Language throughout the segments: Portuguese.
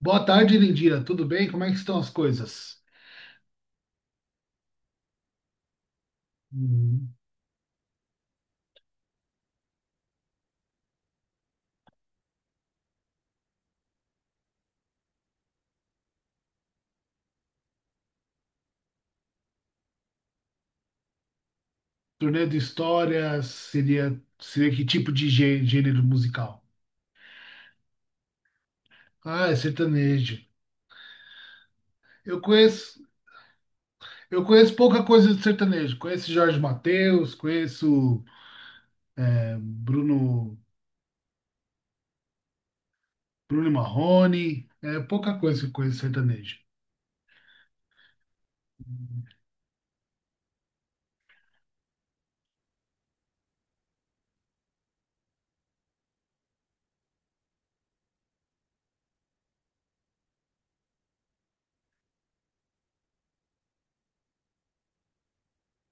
Boa tarde, Lindira. Tudo bem? Como é que estão as coisas? Uhum. Turnê de história seria, seria que tipo de gênero musical? Ah, é sertanejo. Eu conheço, eu conheço pouca coisa de sertanejo. Conheço Jorge Mateus, conheço Bruno, Bruno Marrone. É pouca coisa que eu conheço de sertanejo.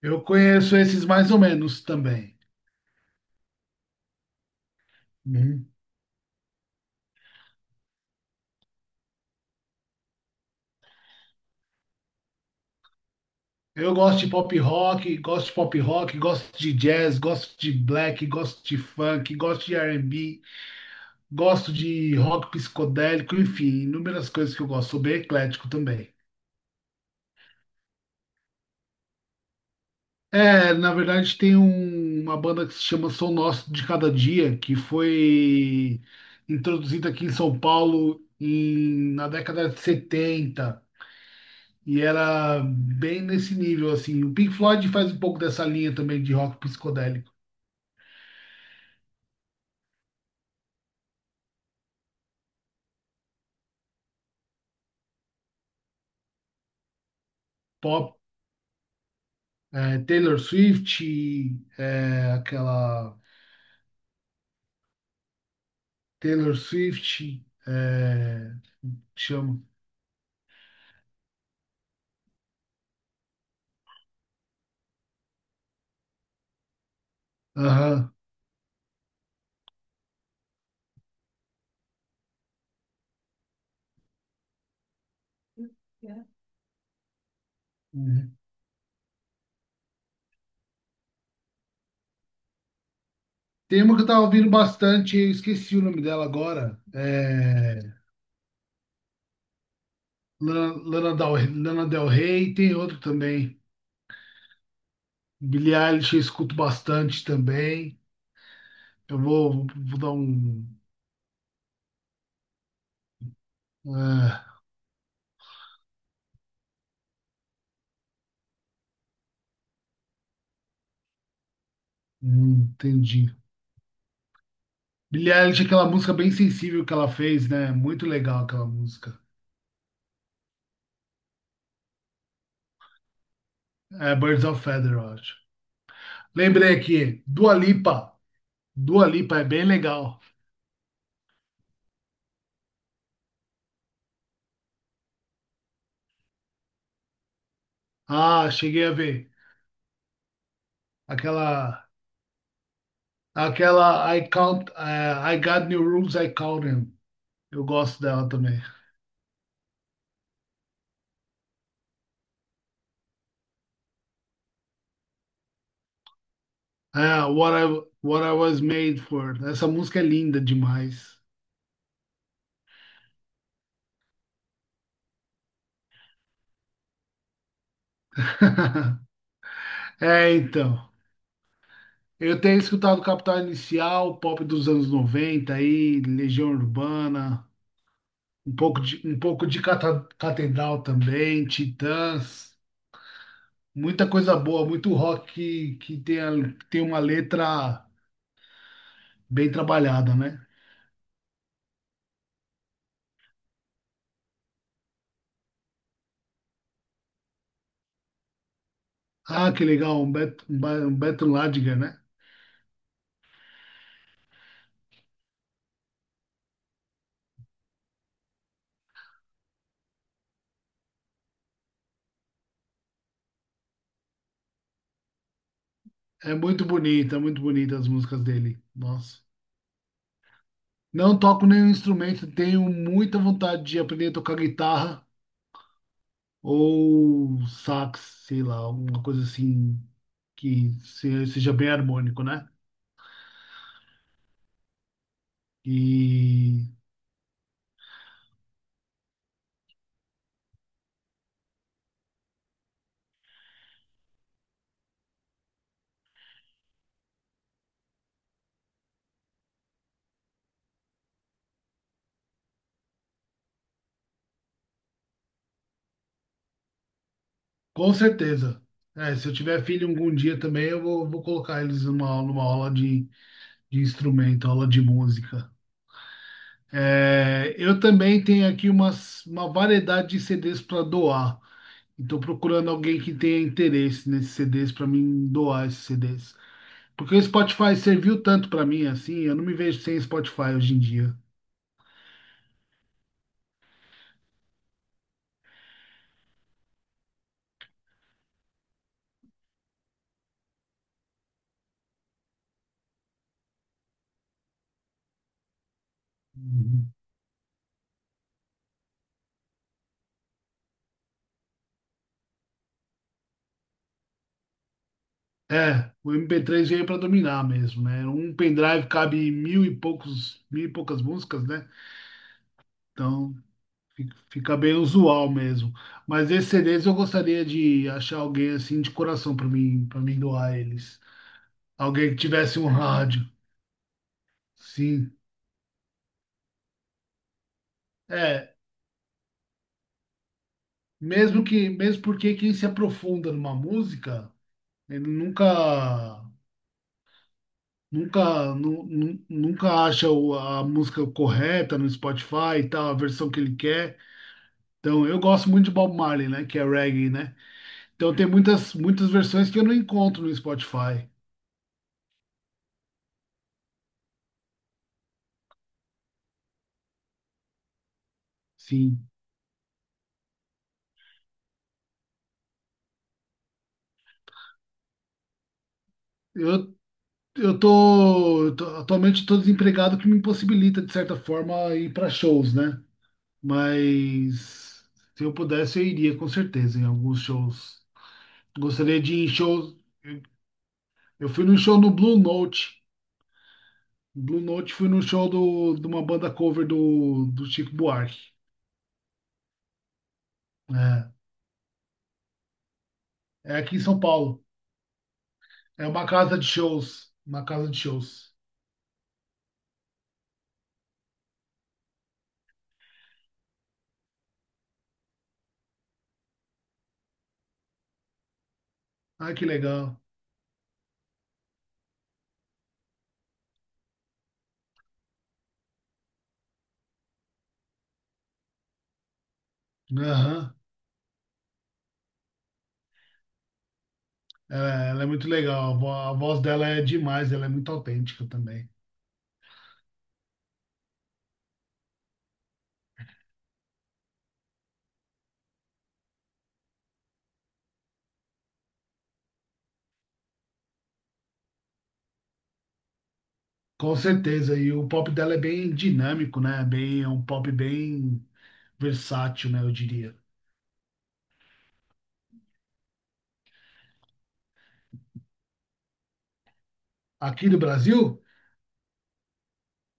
Eu conheço esses mais ou menos também. Uhum. Eu gosto de pop rock, gosto de pop rock, gosto de jazz, gosto de black, gosto de funk, gosto de R&B. Gosto de rock psicodélico, enfim, inúmeras coisas que eu gosto. Sou bem eclético também. É, na verdade, uma banda que se chama Som Nosso de Cada Dia, que foi introduzida aqui em São Paulo na década de 70. E era bem nesse nível, assim. O Pink Floyd faz um pouco dessa linha também de rock psicodélico. Pop, Taylor Swift, aquela Taylor Swift, chama. É. Uhum. Tem uma que eu tava ouvindo bastante, eu esqueci o nome dela agora. Lana, Lana Del, Lana Del Rey, tem outro também. Billie Eilish eu escuto bastante também. Vou dar um. Ah, entendi. Billie Eilish é aquela música bem sensível que ela fez, né? Muito legal aquela música. É Birds of Feather, eu acho. Lembrei aqui, Dua Lipa. Dua Lipa é bem legal. Ah, cheguei a ver. Aquela Aquela I count, I got new rules, I count them. Eu gosto dela também. Ah, What I was made for. Essa música é linda demais. É, então. Eu tenho escutado Capital Inicial, pop dos anos 90, aí, Legião Urbana, um pouco de Catedral também, Titãs, muita coisa boa, muito rock que tem, tem uma letra bem trabalhada, né? Ah, que legal, um Beto Ladiger, né? Muito bonita as músicas dele. Nossa. Não toco nenhum instrumento, tenho muita vontade de aprender a tocar guitarra ou sax, sei lá, alguma coisa assim que seja bem harmônico, né? E com certeza. É, se eu tiver filho algum dia também, vou colocar eles numa aula de instrumento, aula de música. É, eu também tenho aqui uma variedade de CDs para doar. Estou procurando alguém que tenha interesse nesses CDs para mim doar esses CDs. Porque o Spotify serviu tanto para mim assim, eu não me vejo sem Spotify hoje em dia. Uhum. É, o MP3 veio para dominar mesmo, né? Um pendrive cabe mil e poucos, mil e poucas músicas, né? Então fica bem usual mesmo. Mas esses CDs eu gostaria de achar alguém assim de coração para mim doar eles. Alguém que tivesse um rádio. Sim. É, mesmo que, mesmo porque quem se aprofunda numa música, ele nunca, nunca acha a música correta no Spotify e tal, a versão que ele quer. Então, eu gosto muito de Bob Marley, né? Que é reggae, né? Então, muitas versões que eu não encontro no Spotify. Sim. Eu, atualmente estou desempregado, o que me impossibilita, de certa forma, ir para shows, né? Mas se eu pudesse, eu iria com certeza em alguns shows. Gostaria de ir em shows. Eu eu fui num show no Blue Note. Blue Note fui num show de uma banda cover do Chico Buarque. É, é aqui em São Paulo. Uma casa de shows. Ai, que legal. Aham. É, ela é muito legal. A voz dela é demais. Ela é muito autêntica também. Com certeza. E o pop dela é bem dinâmico, né? Bem, é um pop bem versátil, né? Eu diria. Aqui do Brasil.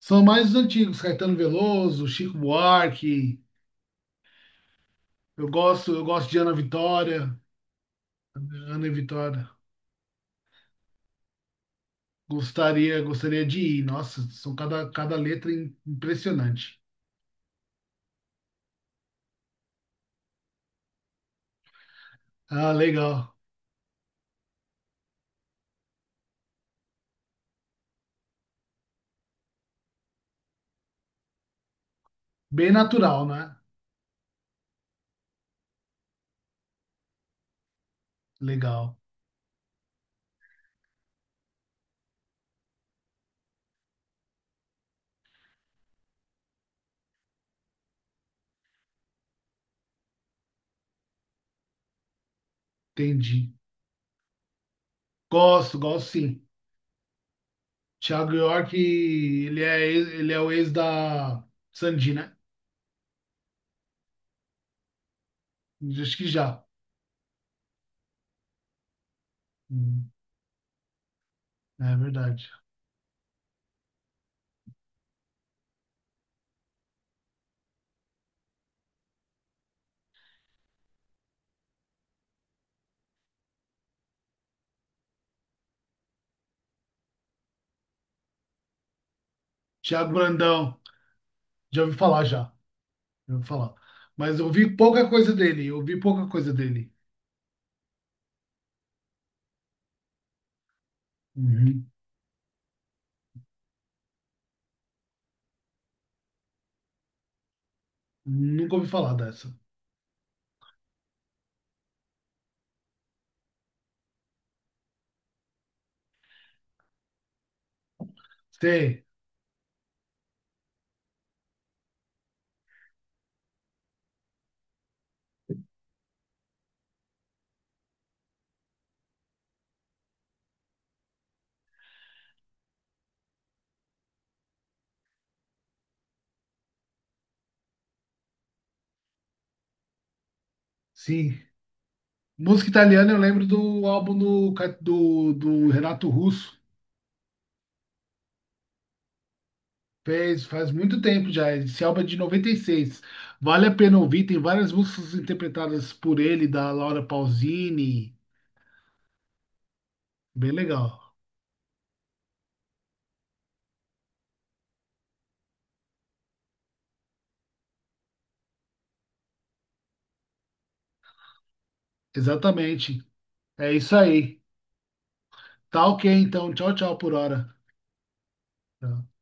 São mais os antigos, Caetano Veloso, Chico Buarque. Eu gosto de Ana Vitória. Ana e Vitória. Gostaria de ir. Nossa, cada letra impressionante. Ah, legal. Bem natural, né? Legal. Entendi. Gosto sim. Thiago York, ele é o ex da Sandy, né? Acho que já. Hum, é verdade. Thiago Brandão, já ouvi falar já. Eu vou falar. Mas eu ouvi pouca coisa dele. Uhum. Nunca ouvi falar dessa. Tem, sim. Música italiana, eu lembro do álbum do Renato Russo. Fez, faz muito tempo já, esse álbum é de 96. Vale a pena ouvir, tem várias músicas interpretadas por ele, da Laura Pausini. Bem legal. Exatamente. É isso aí. Tá ok, então. Tchau, tchau por hora. Tá.